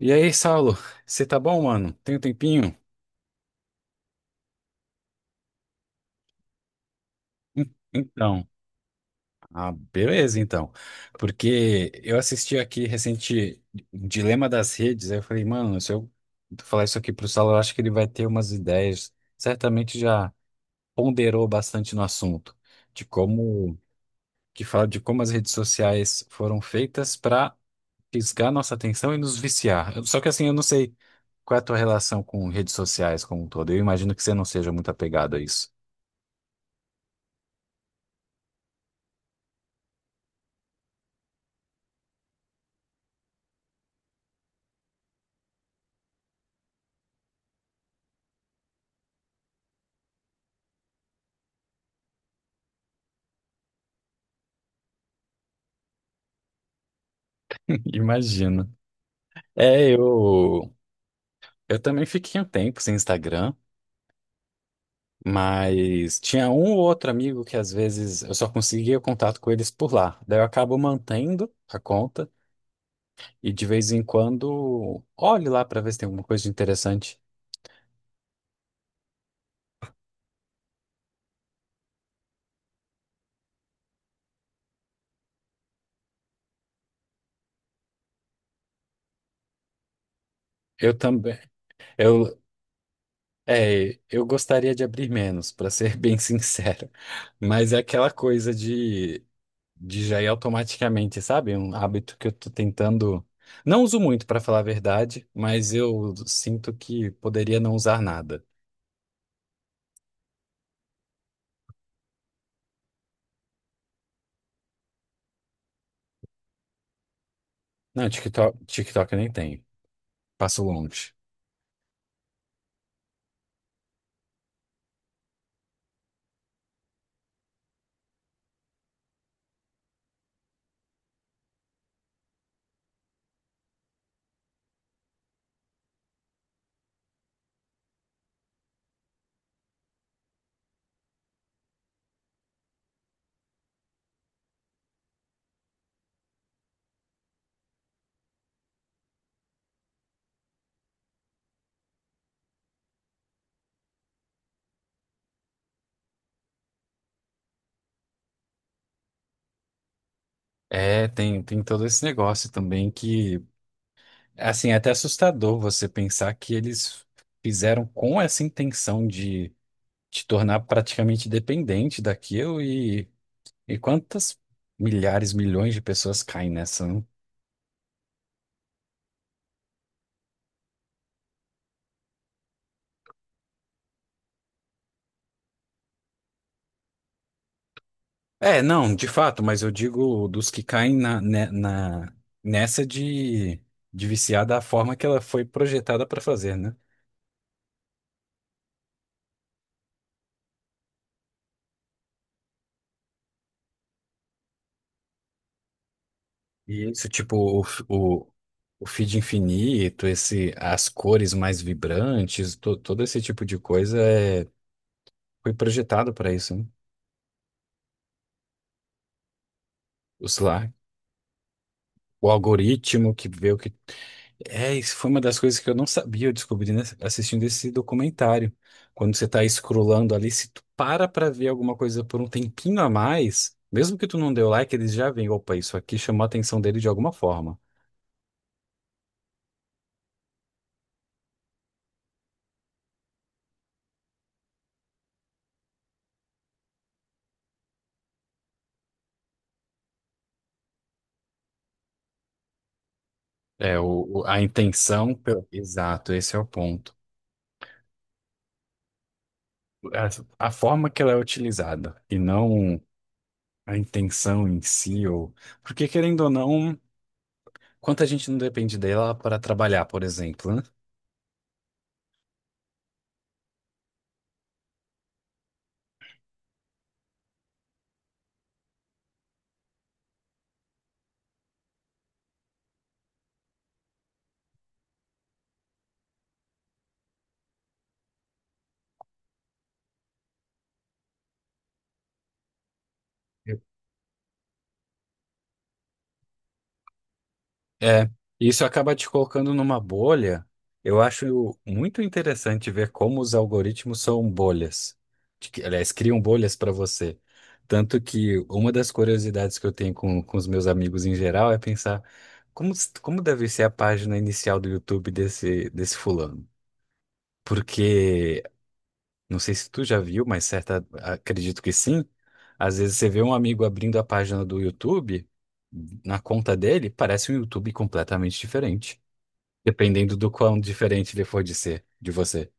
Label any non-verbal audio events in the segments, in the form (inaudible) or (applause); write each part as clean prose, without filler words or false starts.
E aí, Saulo, você tá bom, mano? Tem um tempinho? Hum, Então, beleza, então. Porque eu assisti aqui recente um Dilema das Redes, aí eu falei, mano, se eu falar isso aqui pro Saulo, eu acho que ele vai ter umas ideias. Certamente já ponderou bastante no assunto, de como, que fala de como as redes sociais foram feitas para fisgar nossa atenção e nos viciar. Só que assim, eu não sei qual é a tua relação com redes sociais como um todo. Eu imagino que você não seja muito apegado a isso. Imagina. É, eu, eu também fiquei um tempo sem Instagram, mas tinha um ou outro amigo que às vezes eu só conseguia contato com eles por lá. Daí eu acabo mantendo a conta e de vez em quando olho lá para ver se tem alguma coisa de interessante. Eu também, eu, eu gostaria de abrir menos, para ser (laughs) bem sincero, mas é aquela coisa de já ir automaticamente, sabe? É um hábito que eu tô tentando. Não uso muito, pra falar a verdade, mas eu sinto que poderia não usar nada. Não, TikTok eu nem tenho. Passo longe. É, tem todo esse negócio também que, assim, é até assustador você pensar que eles fizeram com essa intenção de te tornar praticamente dependente daquilo e quantas milhares, milhões de pessoas caem nessa, né? É, não, de fato, mas eu digo dos que caem nessa de viciar da forma que ela foi projetada para fazer, né? E isso, tipo, o feed infinito, esse, as cores mais vibrantes, todo esse tipo de coisa foi projetado para isso, né? Os lá, o algoritmo que vê o que é, isso foi uma das coisas que eu não sabia, eu descobri, né, assistindo esse documentário. Quando você tá scrollando ali, se tu para pra ver alguma coisa por um tempinho a mais, mesmo que tu não deu like, eles já veem, opa, isso aqui chamou a atenção dele de alguma forma. É, a intenção, exato, esse é o ponto. A forma que ela é utilizada e não a intenção em si, ou... Porque querendo ou não, quanta gente não depende dela para trabalhar, por exemplo, né? É, isso acaba te colocando numa bolha. Eu acho muito interessante ver como os algoritmos são bolhas. Aliás, criam bolhas para você. Tanto que uma das curiosidades que eu tenho com os meus amigos em geral é pensar como deve ser a página inicial do YouTube desse fulano. Porque, não sei se tu já viu, mas certa, acredito que sim. Às vezes você vê um amigo abrindo a página do YouTube, na conta dele, parece um YouTube completamente diferente. Dependendo do quão diferente ele for de ser, de você.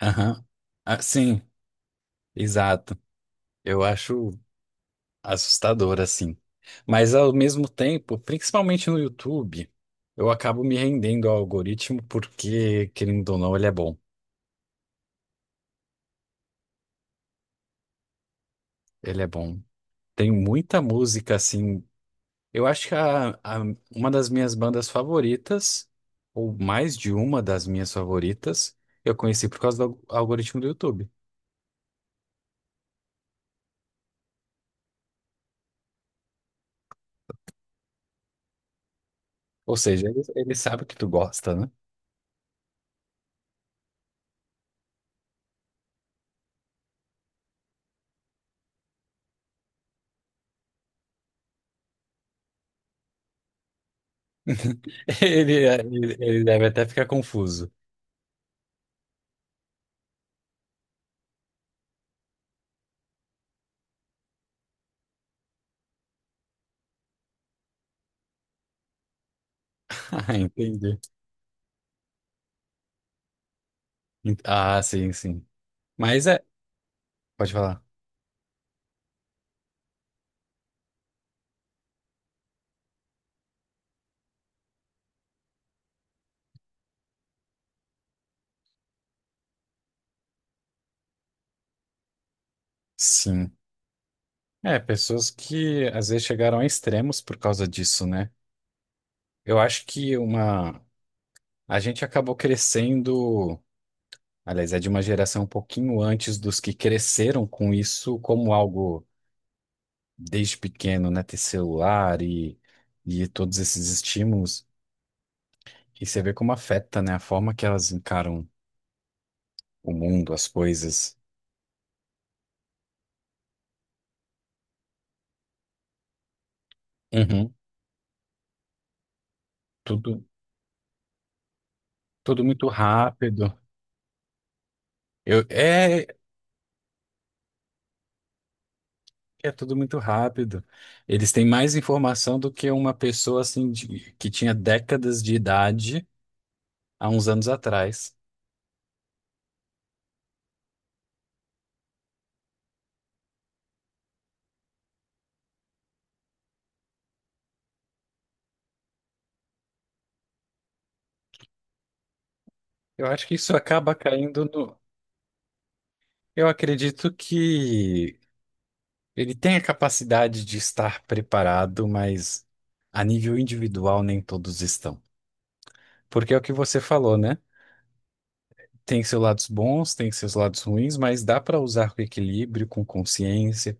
Aham. Ah, sim, exato. Eu acho assustador, assim. Mas ao mesmo tempo, principalmente no YouTube, eu acabo me rendendo ao algoritmo porque, querendo ou não, ele é bom. Ele é bom. Tem muita música, assim. Eu acho que uma das minhas bandas favoritas, ou mais de uma das minhas favoritas, eu conheci por causa do algoritmo do YouTube. Ou seja, ele sabe que tu gosta, né? (laughs) Ele deve até ficar confuso. (laughs) Ah, entendi. Ah, sim, sim. Mas é. Pode falar. Sim. É, pessoas que às vezes chegaram a extremos por causa disso, né? Eu acho que uma. A gente acabou crescendo. Aliás, é de uma geração um pouquinho antes dos que cresceram com isso como algo desde pequeno, né? Ter celular e todos esses estímulos. E você vê como afeta, né? A forma que elas encaram o mundo, as coisas. Uhum. Tudo, tudo muito rápido. Eu, é, é tudo muito rápido. Eles têm mais informação do que uma pessoa que tinha décadas de idade há uns anos atrás. Eu acho que isso acaba caindo no. Eu acredito que ele tem a capacidade de estar preparado, mas a nível individual nem todos estão. Porque é o que você falou, né? Tem seus lados bons, tem seus lados ruins, mas dá para usar com equilíbrio, com consciência.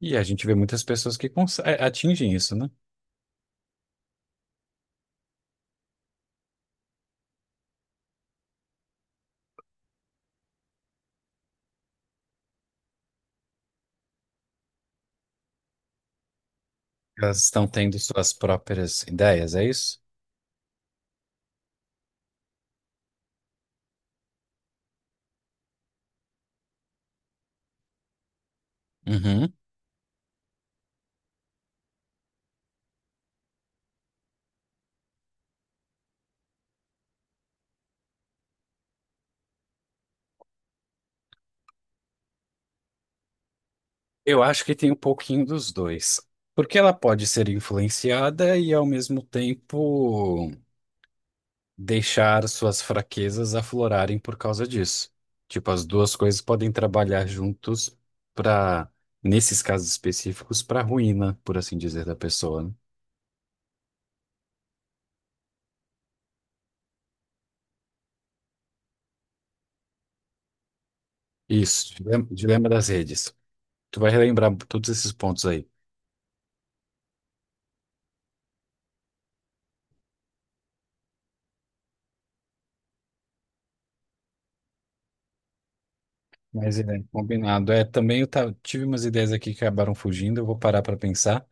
E a gente vê muitas pessoas que atingem isso, né? Elas estão tendo suas próprias ideias, é isso? Uhum. Eu acho que tem um pouquinho dos dois. Porque ela pode ser influenciada e, ao mesmo tempo, deixar suas fraquezas aflorarem por causa disso. Tipo, as duas coisas podem trabalhar juntos para, nesses casos específicos, para ruína, por assim dizer, da pessoa, né? Isso, dilema das redes. Tu vai relembrar todos esses pontos aí. Mas é, combinado. É, também tive umas ideias aqui que acabaram fugindo, eu vou parar para pensar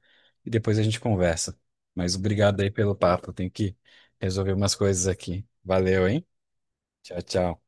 e depois a gente conversa. Mas obrigado aí pelo papo, eu tenho que resolver umas coisas aqui. Valeu, hein? Tchau, tchau.